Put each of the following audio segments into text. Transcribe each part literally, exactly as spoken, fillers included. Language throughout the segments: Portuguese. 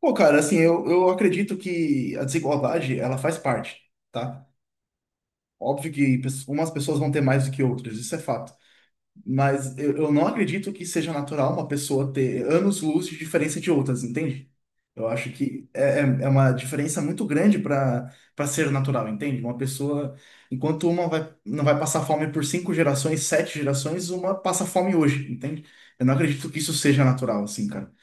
Pô, cara, assim, eu, eu acredito que a desigualdade, ela faz parte, tá? Óbvio que pes- umas pessoas vão ter mais do que outras, isso é fato. Mas eu, eu não acredito que seja natural uma pessoa ter anos-luz de diferença de outras, entende? Eu acho que é, é é uma diferença muito grande para para ser natural, entende? Uma pessoa, enquanto uma vai, não vai passar fome por cinco gerações, sete gerações, uma passa fome hoje, entende? Eu não acredito que isso seja natural, assim, cara.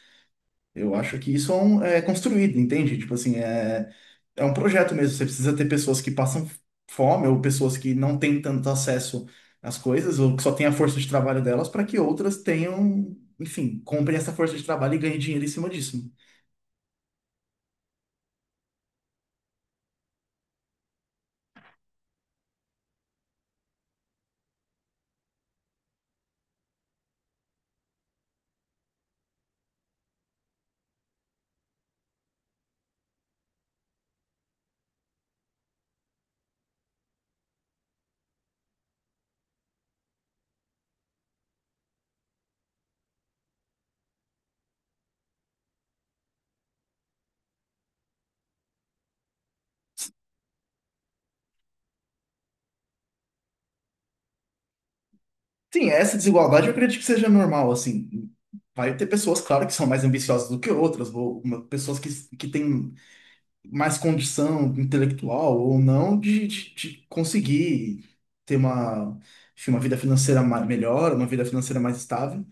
Eu acho que isso é, um- é construído, entende? Tipo assim, é, é um projeto mesmo. Você precisa ter pessoas que passam fome ou pessoas que não têm tanto acesso às coisas ou que só têm a força de trabalho delas para que outras tenham, enfim, comprem essa força de trabalho e ganhem dinheiro em cima disso. Sim, essa desigualdade eu acredito que seja normal, assim. Vai ter pessoas, claro, que são mais ambiciosas do que outras, ou uma- pessoas que, que têm mais condição intelectual ou não de, de, de conseguir ter uma, enfim, uma vida financeira ma- melhor, uma vida financeira mais estável.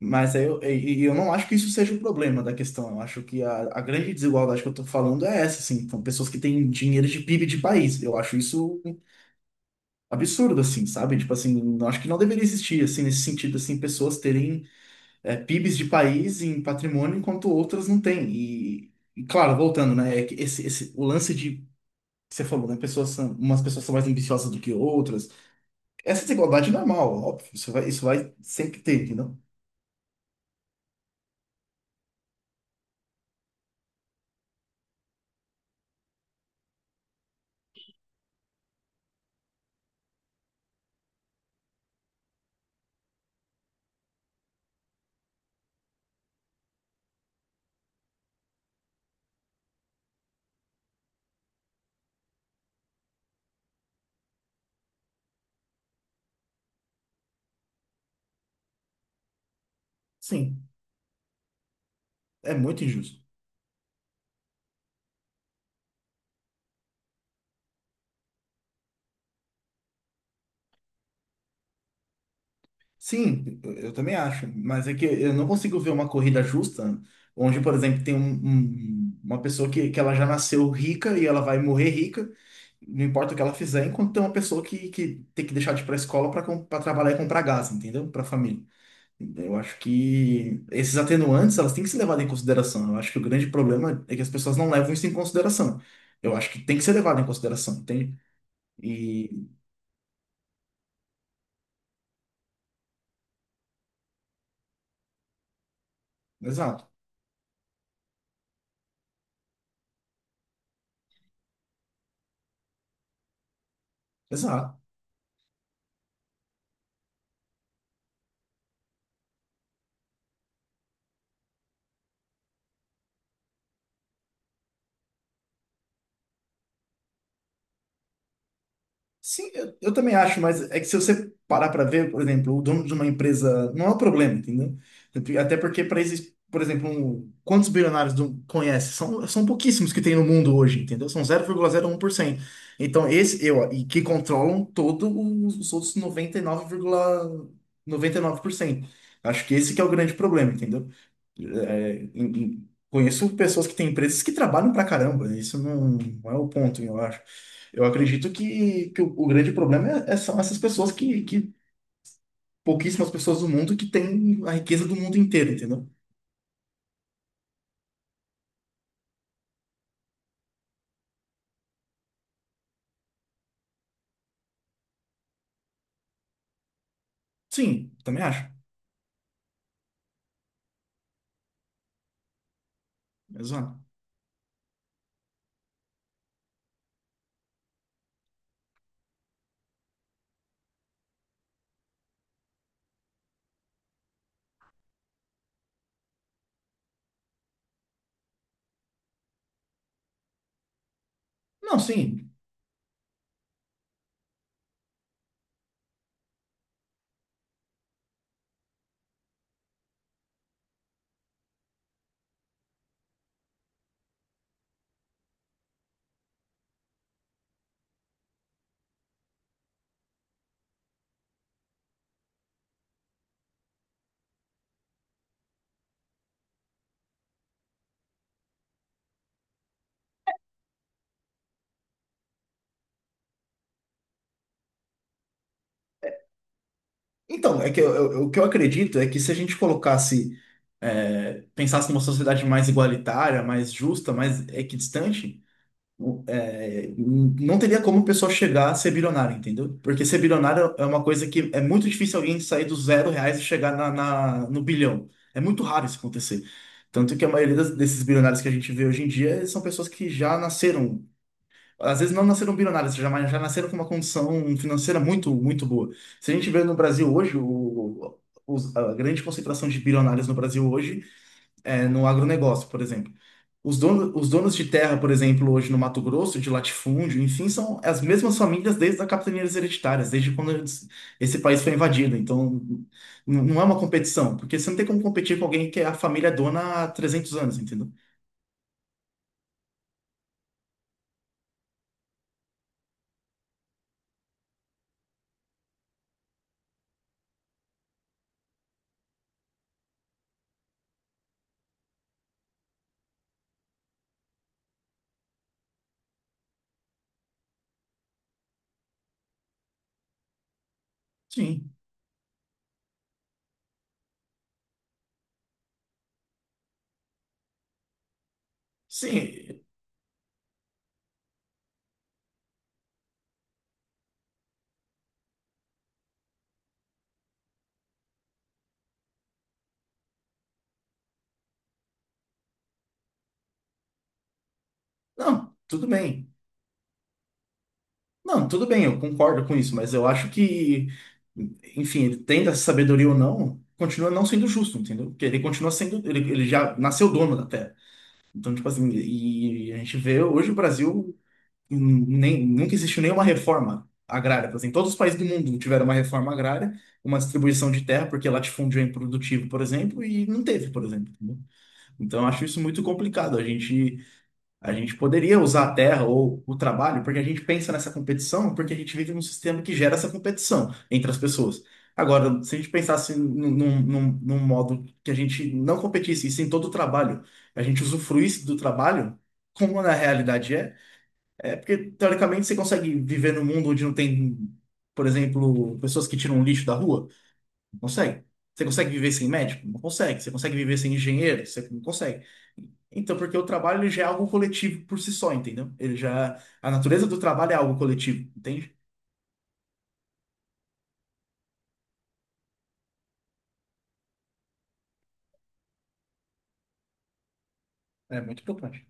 Mas aí eu, e- e eu não acho que isso seja o problema da questão. Eu acho que a, a grande desigualdade que eu estou falando é essa, assim. São pessoas que têm dinheiro de P I B de país. Eu acho isso absurdo, assim, sabe? Tipo assim, eu acho que não deveria existir, assim, nesse sentido, assim, pessoas terem é, P I Bs de país em patrimônio enquanto outras não têm. E, e claro, voltando, né? É que Esse, esse, o lance de você falou, né? Pessoas são, umas pessoas são mais ambiciosas do que outras. Essa desigualdade é normal, óbvio. Isso vai, isso vai sempre ter, entendeu? Sim, é muito injusto. Sim, eu, eu também acho. Mas é que eu não consigo ver uma corrida justa onde, por exemplo, tem um- um- uma pessoa que, que ela já nasceu rica e ela vai morrer rica, não importa o que ela fizer, enquanto tem uma pessoa que, que tem que deixar de ir para a escola para trabalhar e comprar gás, entendeu? Para a família. Eu acho que esses atenuantes, elas têm que ser levadas em consideração. Eu acho que o grande problema é que as pessoas não levam isso em consideração. Eu acho que tem que ser levado em consideração, entende? E... Exato, exato. Sim, eu, eu também acho, mas é que se você parar para ver, por exemplo, o dono de uma empresa não é um problema, entendeu? Até porque para esses, por exemplo, um- quantos bilionários do, conhece? São, são pouquíssimos que tem no mundo hoje, entendeu? São zero zero vírgula zero um por cento. Então, esse eu e que controlam todos os outros noventa noventa e e nove nove vírgula noventa e nove por cento. Acho que esse que é o grande problema, entendeu? É, em- em- conheço pessoas que têm empresas que trabalham pra caramba, isso não, não é o ponto, eu acho. Eu acredito que, que o, o grande problema é, é- são essas pessoas que, que, pouquíssimas pessoas do mundo que têm a riqueza do mundo inteiro, entendeu? Sim, também acho. Exato. Não, sim. Então, é que eu- eu- o que eu acredito é que se a gente colocasse, é, pensasse numa sociedade mais igualitária, mais justa, mais equidistante, o- é, não teria como o pessoal chegar a ser bilionário, entendeu? Porque ser bilionário é uma coisa que é muito difícil alguém sair dos zero reais e chegar na, na- no bilhão. É muito raro isso acontecer. Tanto que a maioria das- desses bilionários que a gente vê hoje em dia são pessoas que já nasceram, às vezes não nasceram bilionários, já, mas já nasceram com uma condição financeira muito, muito boa. Se a gente vê no Brasil hoje, o, os- a grande concentração de bilionários no Brasil hoje é, no agronegócio, por exemplo. Os donos, os donos de terra, por exemplo, hoje no Mato Grosso, de latifúndio, enfim, são as mesmas famílias desde as capitanias hereditárias, desde quando eles- esse país foi invadido. Então, n- não é uma competição, porque você não tem como competir com alguém que é a família dona há trezentos anos, entendeu? Sim, sim. Não, tudo bem. Não, tudo bem, eu concordo com isso, mas eu acho que, enfim, ele tendo essa sabedoria ou não, continua não sendo justo, entendeu? Porque ele continua sendo, ele, ele já nasceu dono da terra. Então, tipo assim, e a gente vê hoje o Brasil nem, nunca existiu nenhuma reforma agrária. Tipo assim, todos os países do mundo tiveram uma reforma agrária, uma distribuição de terra, porque latifúndio é improdutivo, por exemplo, e não teve, por exemplo. Entendeu? Então, eu acho isso muito complicado. A gente a gente poderia usar a terra ou o trabalho, porque a gente pensa nessa competição, porque a gente vive num sistema que gera essa competição entre as pessoas. Agora, se a gente pensasse num, num, num- num modo que a gente não competisse, e sim todo o trabalho, a gente usufruísse do trabalho, como na realidade é, é porque teoricamente você consegue viver num mundo onde não tem, por exemplo, pessoas que tiram lixo da rua. Não consegue. Você consegue viver sem médico? Não consegue. Você consegue viver sem engenheiro? Você não consegue. Então, porque o trabalho ele já é algo coletivo por si só, entendeu? Ele já, a natureza do trabalho é algo coletivo, entende? É muito importante.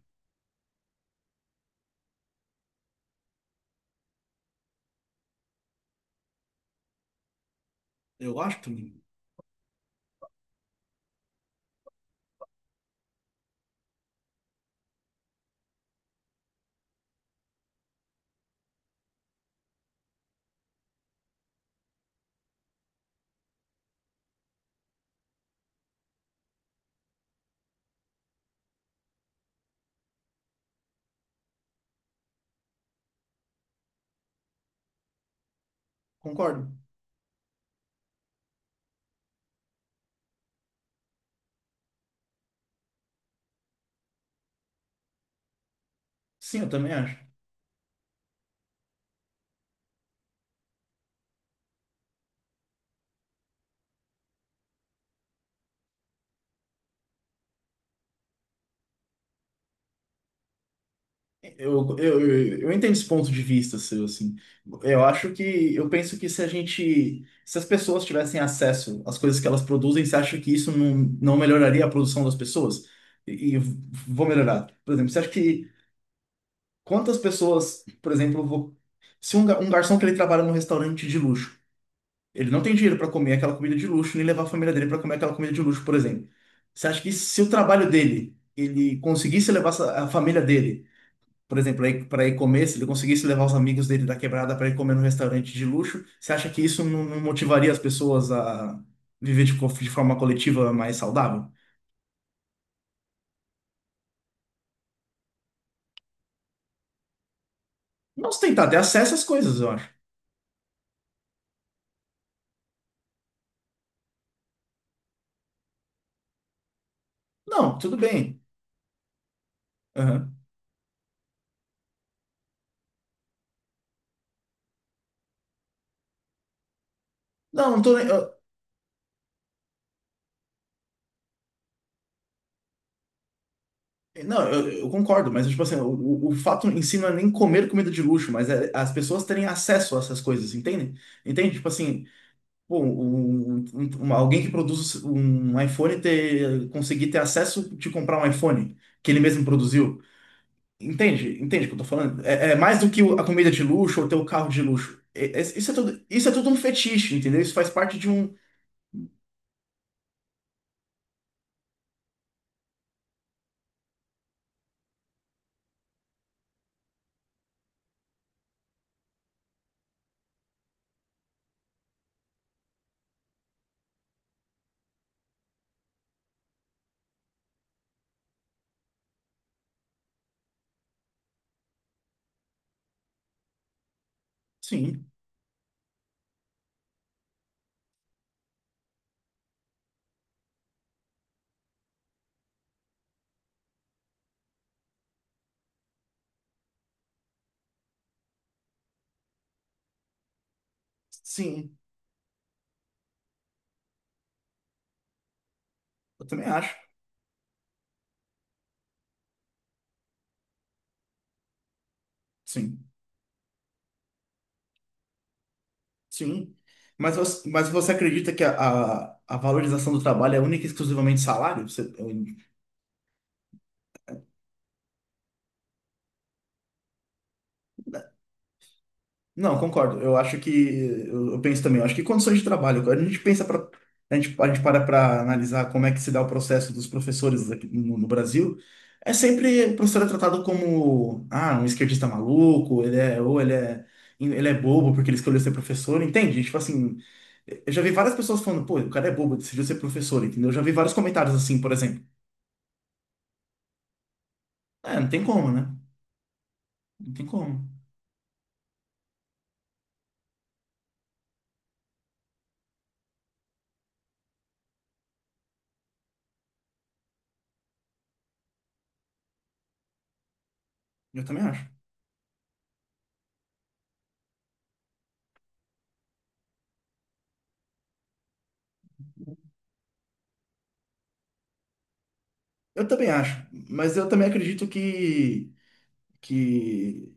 Eu acho também. Concordo. Sim, eu também acho. Eu, eu, eu, eu entendo esse ponto de vista seu, assim. Eu acho que, eu penso que se a gente, se as pessoas tivessem acesso às coisas que elas produzem, você acha que isso não, não melhoraria a produção das pessoas? E, e vou melhorar. Por exemplo, você acha que quantas pessoas, por exemplo, vo- se um, ga- um garçom que ele trabalha num restaurante de luxo, ele não tem dinheiro para comer aquela comida de luxo, nem levar a família dele para comer aquela comida de luxo, por exemplo. Você acha que se o trabalho dele, ele conseguisse levar essa- a família dele, por exemplo, para ir comer, se ele conseguisse levar os amigos dele da quebrada para ir comer num restaurante de luxo, você acha que isso não, não motivaria as pessoas a viver de, co- de forma coletiva mais saudável? Não se tentar ter acesso às coisas, eu acho. Não, tudo bem. Aham. Não, não tô. Não, eu, eu concordo, mas tipo assim, o, o o fato em si não é nem comer comida de luxo, mas é as pessoas terem acesso a essas coisas, entende? Entende? Tipo assim, pô, um- um- um- alguém que produz um iPhone ter, conseguir ter acesso de comprar um iPhone que ele mesmo produziu. Entende? Entende o que eu tô falando? É, é mais do que o- a comida de luxo ou ter o carro de luxo. É- é- isso é tudo, isso é tudo um fetiche, entendeu? Isso faz parte de um. Sim, sim, eu também acho. Sim. Sim. Mas você, mas você acredita que a, a, a valorização do trabalho é única e exclusivamente salário? Você- eu- não, concordo. Eu acho que. Eu, eu penso também. Eu acho que condições de trabalho. Quando a gente pensa para. A gente, a gente para para analisar como é que se dá o processo dos professores aqui no, no Brasil. É sempre o professor é tratado como, ah, um esquerdista maluco, ele é. Ou ele é. Ele é bobo porque ele escolheu ser professor, entende? Tipo assim. Eu já vi várias pessoas falando, pô, o cara é bobo, decidiu ser professor, entendeu? Eu já vi vários comentários assim, por exemplo. É, não tem como, né? Não tem como. Eu também acho. Eu também acho. Mas eu também acredito que, que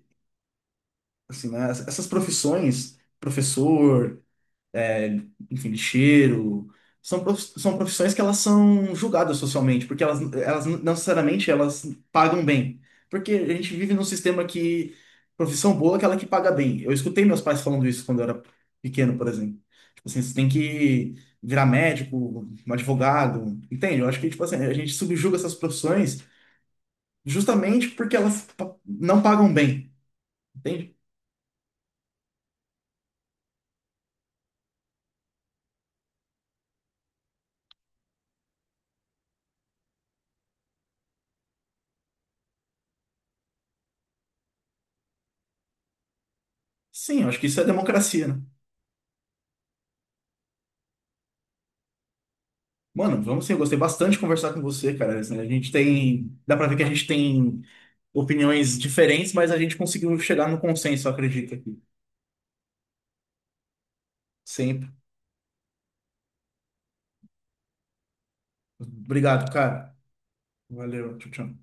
assim, né, essas profissões, professor, é, enfim, lixeiro. São, prof- são profissões que elas são julgadas socialmente, porque elas, elas não necessariamente elas pagam bem. Porque a gente vive num sistema que profissão boa é aquela que paga bem. Eu escutei meus pais falando isso quando eu era pequeno, por exemplo. Tipo assim, você tem que virar médico, um advogado, entende? Eu acho que tipo assim, a gente subjuga essas profissões justamente porque elas pa- não pagam bem, entende? Sim, eu acho que isso é democracia, né? Mano, vamos sim, eu gostei bastante de conversar com você, cara. Assim, a gente tem. Dá pra ver que a gente tem opiniões diferentes, mas a gente conseguiu chegar no consenso, eu acredito aqui. Sempre. Obrigado, cara. Valeu, tchau, tchau.